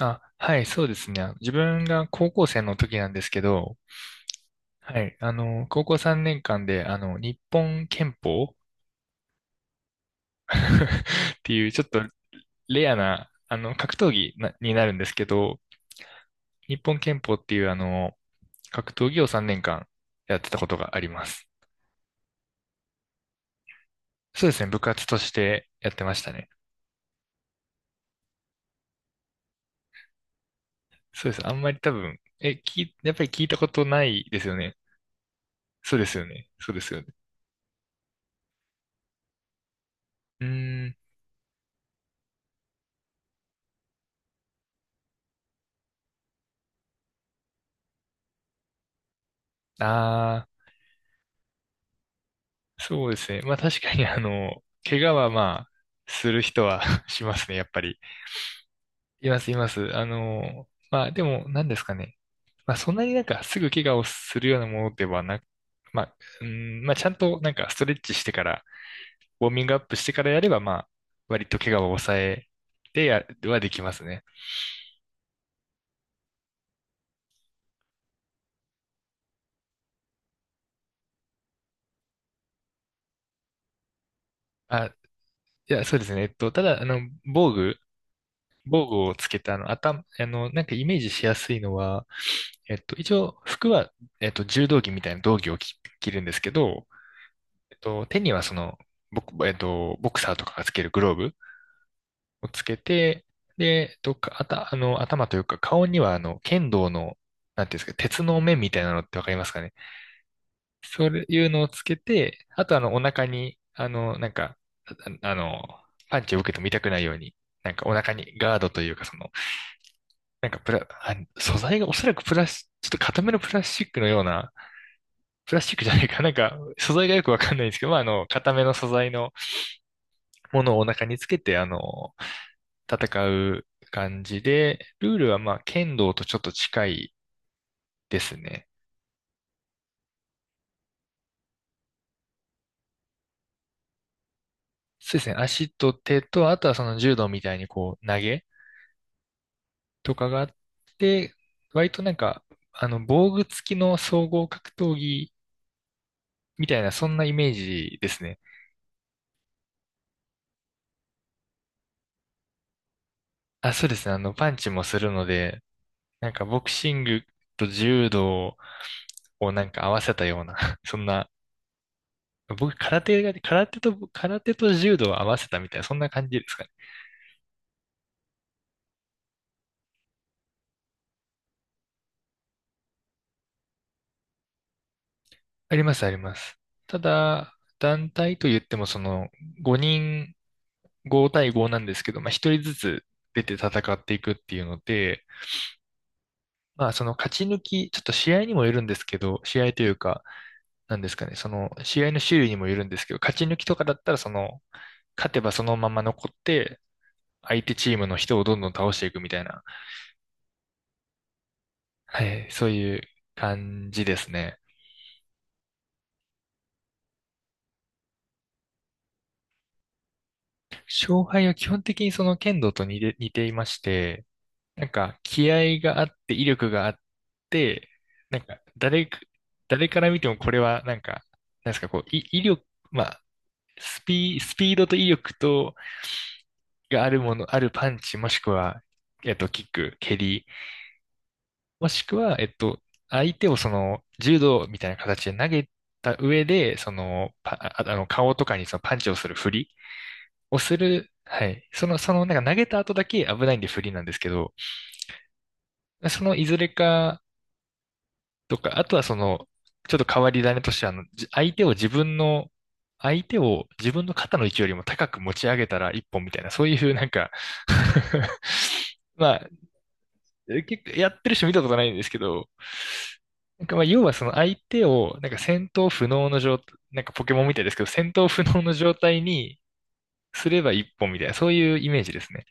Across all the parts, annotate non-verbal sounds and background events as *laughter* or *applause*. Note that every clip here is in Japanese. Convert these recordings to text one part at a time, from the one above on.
はい、そうですね。自分が高校生の時なんですけど、はい、高校3年間で、日本拳法 *laughs* っていう、ちょっとレアな、格闘技になるんですけど、日本拳法っていう、格闘技を3年間やってたことがあります。そうですね、部活としてやってましたね。そうです。あんまり多分、やっぱり聞いたことないですよね。そうですよね。そうですよね。うーん。ああ。そうですね。まあ確かに怪我はまあ、する人は *laughs* しますね、やっぱり。います、います。まあでも、何ですかね。まあそんなになんかすぐ怪我をするようなものではなく、まあ、うん、まあちゃんとなんかストレッチしてから、ウォーミングアップしてからやれば、まあ、割と怪我を抑えてはできますね。あ、いや、そうですね。ただ、防具をつけた、頭、なんかイメージしやすいのは、一応、服は、柔道着みたいな道着を着るんですけど、手にはその、ボクサーとかがつけるグローブをつけて、で、かあた、あの、頭というか、顔には、剣道の、なんていうんですか、鉄の面みたいなのってわかりますかね。そういうのをつけて、あと、お腹に、なんか、ああの、パンチを受けても痛くないように、なんかお腹にガードというか、その、なんかプラ、あ素材がおそらくプラス、ちょっと固めのプラスチックのような、プラスチックじゃないか。なんか、素材がよくわかんないんですけど、まあ、固めの素材のものをお腹につけて、戦う感じで、ルールはまあ、剣道とちょっと近いですね。そうですね。足と手と、あとはその柔道みたいにこう、投げとかがあって、割となんか、防具付きの総合格闘技みたいな、そんなイメージですね。あ、そうですね。パンチもするので、なんかボクシングと柔道をなんか合わせたような、*laughs* そんな、僕空手と柔道を合わせたみたいな、そんな感じですかね。あります、あります。ただ、団体と言ってもその5人、5対5なんですけど、まあ1人ずつ出て戦っていくっていうので、まあその勝ち抜き、ちょっと試合にもよるんですけど、試合というか、なんですかね、その試合の種類にもよるんですけど、勝ち抜きとかだったらその、勝てばそのまま残って、相手チームの人をどんどん倒していくみたいな、はい、そういう感じですね。勝敗は基本的にその剣道と似ていまして、なんか気合があって威力があって、なんか誰から見てもこれはなんか、なんですか、こう、威力、まあ、スピードと威力と、があるもの、あるパンチ、もしくは、キック、蹴りもしくは、相手をその柔道みたいな形で投げた上で、そのパ、ああの顔とかにそのパンチをする振りをする、はい。その、そのなんか投げた後だけ危ないんで振りなんですけど、そのいずれかとか、あとはその、ちょっと変わり種としては、じ相手を自分の、相手を自分の肩の位置よりも高く持ち上げたら一本みたいな、そういうなんか *laughs* まあ、結構やってる人見たことないんですけど、なんかまあ要はその相手を、なんか戦闘不能の状態、なんかポケモンみたいですけど、戦闘不能の状態にすれば一本みたいな、そういうイメージですね。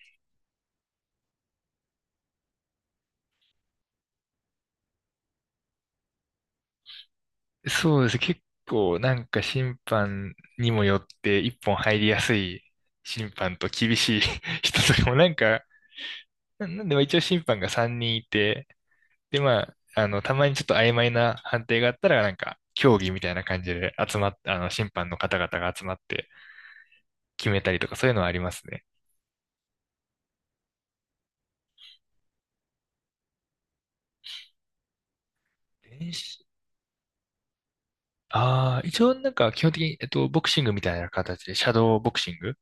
そうです。結構なんか審判にもよって一本入りやすい審判と厳しい *laughs* 人とかもなんか、なんでまあ一応審判が3人いて、でまあ、たまにちょっと曖昧な判定があったらなんか、競技みたいな感じで集まっ、あの、審判の方々が集まって決めたりとかそういうのはありますね。練習。ああ、一応なんか基本的に、ボクシングみたいな形で、シャドーボクシング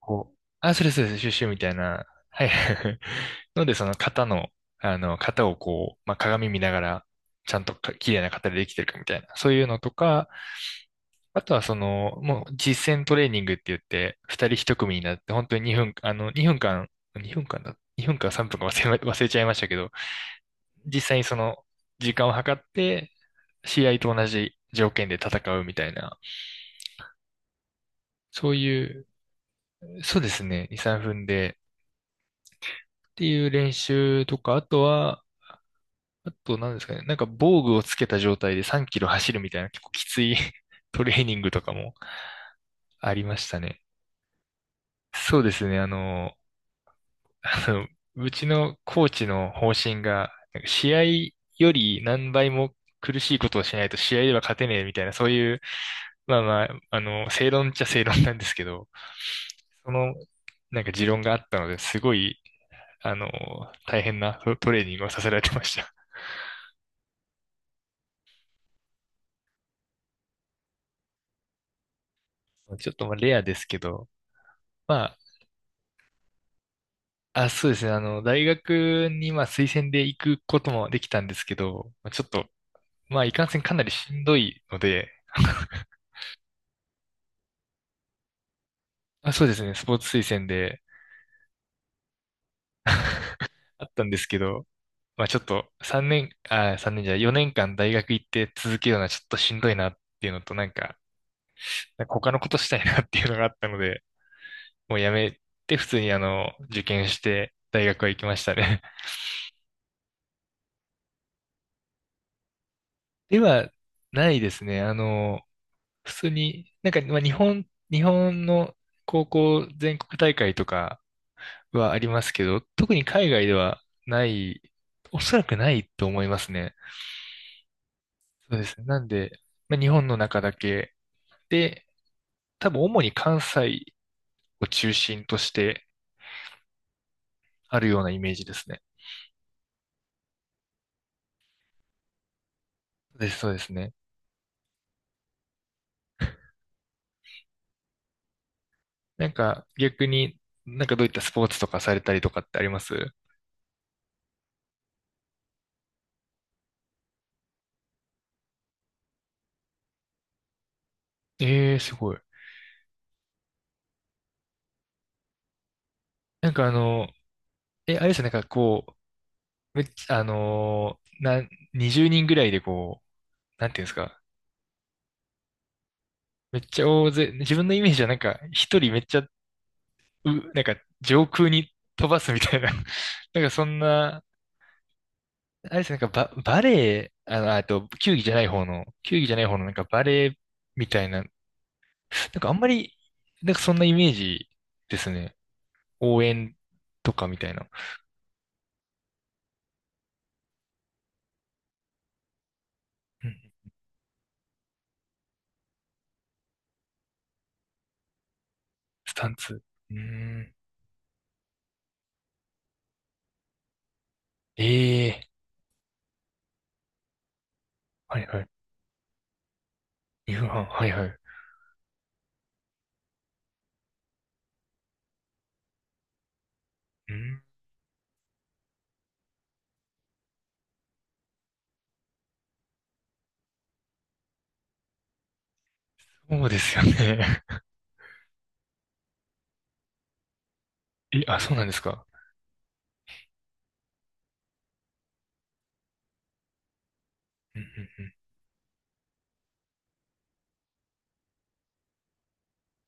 こう、あ、それそれそれ、シュッシュみたいな。はい。*laughs* ので、その型の、型をこう、まあ、鏡見ながら、ちゃんとか綺麗な型でできてるかみたいな。そういうのとか、あとはその、もう実践トレーニングって言って、二人一組になって、本当に2分、2分間、2分間だ、2分間3分か忘れま、*laughs* 忘れちゃいましたけど、実際にその、時間を測って、試合と同じ条件で戦うみたいな、そういうそうですね。2、3分で。っていう練習とか、あとは、あと何ですかね。なんか防具をつけた状態で3キロ走るみたいな結構きつい *laughs* トレーニングとかもありましたね。そうですね。あの、うちのコーチの方針が、なんか試合より何倍も苦しいことをしないと試合では勝てねえみたいな、そういう、まあまあ、正論っちゃ正論なんですけど、その、なんか持論があったので、すごいあの、大変なトレーニングをさせられてました。*laughs* ちょっとまあレアですけど、まあ、あ、そうですね、大学にまあ推薦で行くこともできたんですけど、まあちょっと、まあ、いかんせんかなりしんどいので、まあ、そうですね、スポーツ推薦であったんですけど、まあ、ちょっと3年、あ、3年じゃない4年間大学行って続けるのはちょっとしんどいなっていうのと、なんか他のことしたいなっていうのがあったので、もうやめて普通に受験して大学は行きましたね。ではないですね。普通に、なんか、まあ、日本の高校全国大会とかはありますけど、特に海外ではない、おそらくないと思いますね。そうですね。なんで、まあ、日本の中だけで、多分主に関西を中心としてあるようなイメージですね。そうです、そうですね。なんか逆に、なんかどういったスポーツとかされたりとかってあります？ええー、すごい。なんかあれですよね、なんかこう、めっちゃ、あのーな、20人ぐらいでこう、なんていうんですか、めっちゃ大勢、自分のイメージはなんか、一人めっちゃ、なんか、上空に飛ばすみたいな、*laughs* なんかそんな、あれですね、なんかバレエ、あと、球技じゃない方のなんかバレエみたいな、なんかあんまり、なんかそんなイメージですね。応援とかみたいな。うん。スタンツ。うーん。ええ、はいはい。夕飯、はいはい。うん、そうですよね。え、あ、そうなんですか。うんうんうん。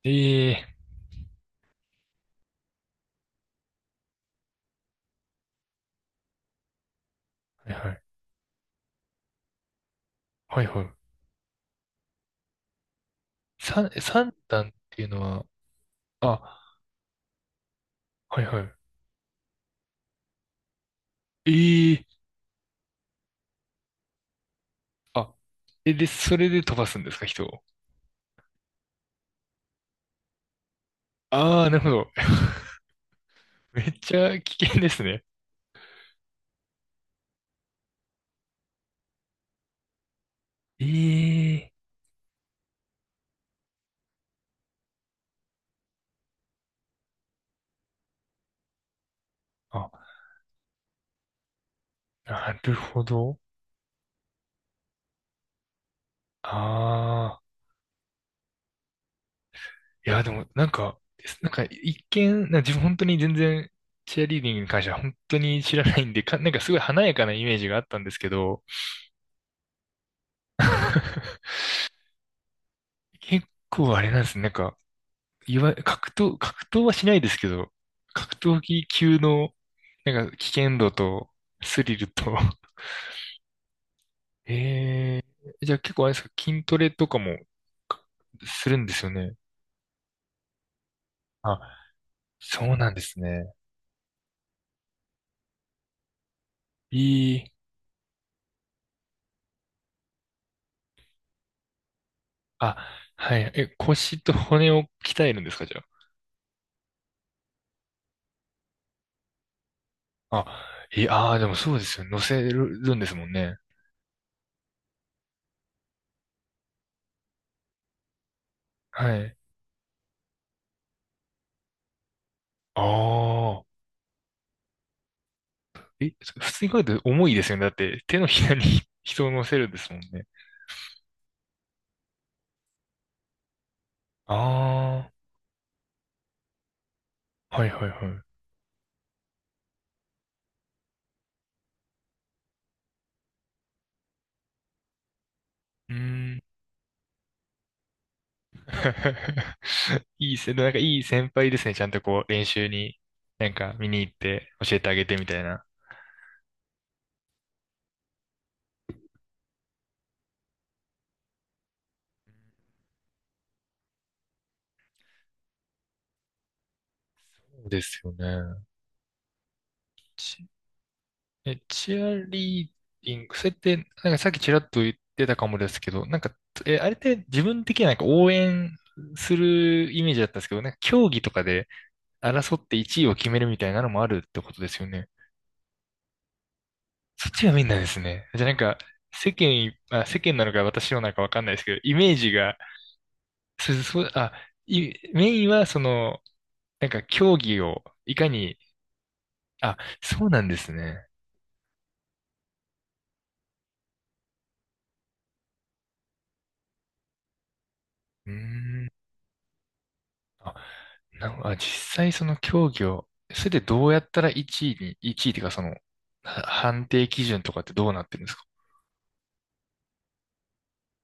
ええ、はいはい。はいはい。三段っていうのは、あ、はいはい。ええ、あ、え、で、それで飛ばすんですか、人を。ああ、なるほど。*laughs* めっちゃ危険ですね。ええ、あ、なるほど。ああ、いや、でも、なんか、なんか、一見、なんか自分本当に全然、チアリーディングに関しては本当に知らないんで、か、なんかすごい華やかなイメージがあったんですけど、*laughs* 結構あれなんですね。なんか、いわ、格闘はしないですけど、格闘技級の、なんか危険度と、スリルと、*laughs* えじゃあ結構あれですか、筋トレとかもかするんですよね。あ、そうなんですね。いい。あ、はい。え、腰と骨を鍛えるんですか、じゃあ。あ、いい、あー、でもそうですよね。乗せるんですもんね。はい。ああ。え、普通に考えて重いですよね。だって手のひらに *laughs* 人を乗せるんですもんね。ああ。はいはいはい。うーん。*laughs* いいせ、なんかいい先輩ですね。ちゃんとこう練習に、なんか見に行って教えてあげてみたいな。そうですよね。チ、え、チアリーディング、それって、なんかさっきちらっと言ってたかもですけど、なんか、え、あれって自分的にはなんか応援するイメージだったんですけど、なんか競技とかで争って1位を決めるみたいなのもあるってことですよね。そっちがメインなんですね。じゃあなんか、世間い、あ、世間なのか私のなのかわかんないですけど、イメージがそそう、あ、いメインはその、なんか競技をいかに、あ、そうなんですね。うーん。あ、な、あ、実際その競技を、それでどうやったら1位に、1位っていうかその、は判定基準とかってどうなってるんですか。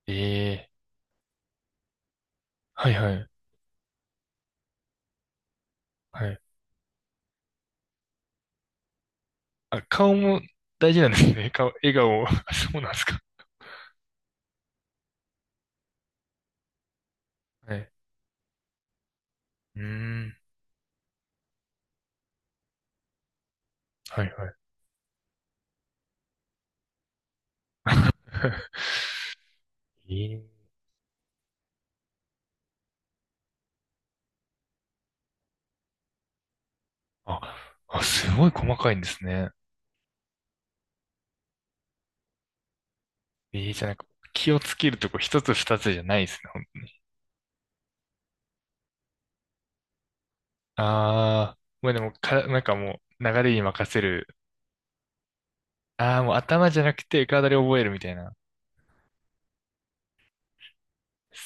ええ、はいはい、はい。あ、顔も大事なんですね。*laughs* 顔、笑顔 *laughs* あ、そうなんですか。はい。うーん、はいはい。*laughs* ええ、あ、あ、すごい細かいんですね。ええ、じゃあなんか気をつけるとこ一つ二つじゃないですね。ほん、ああ、もうでもか、なんかもう流れに任せる。ああ、もう頭じゃなくて体で覚えるみたいな。す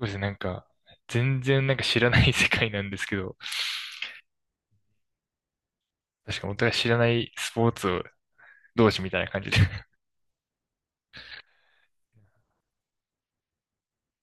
ごいですね。なんか、全然なんか知らない世界なんですけど、確かにお互い知らないスポーツを同士みたいな感じで。*laughs*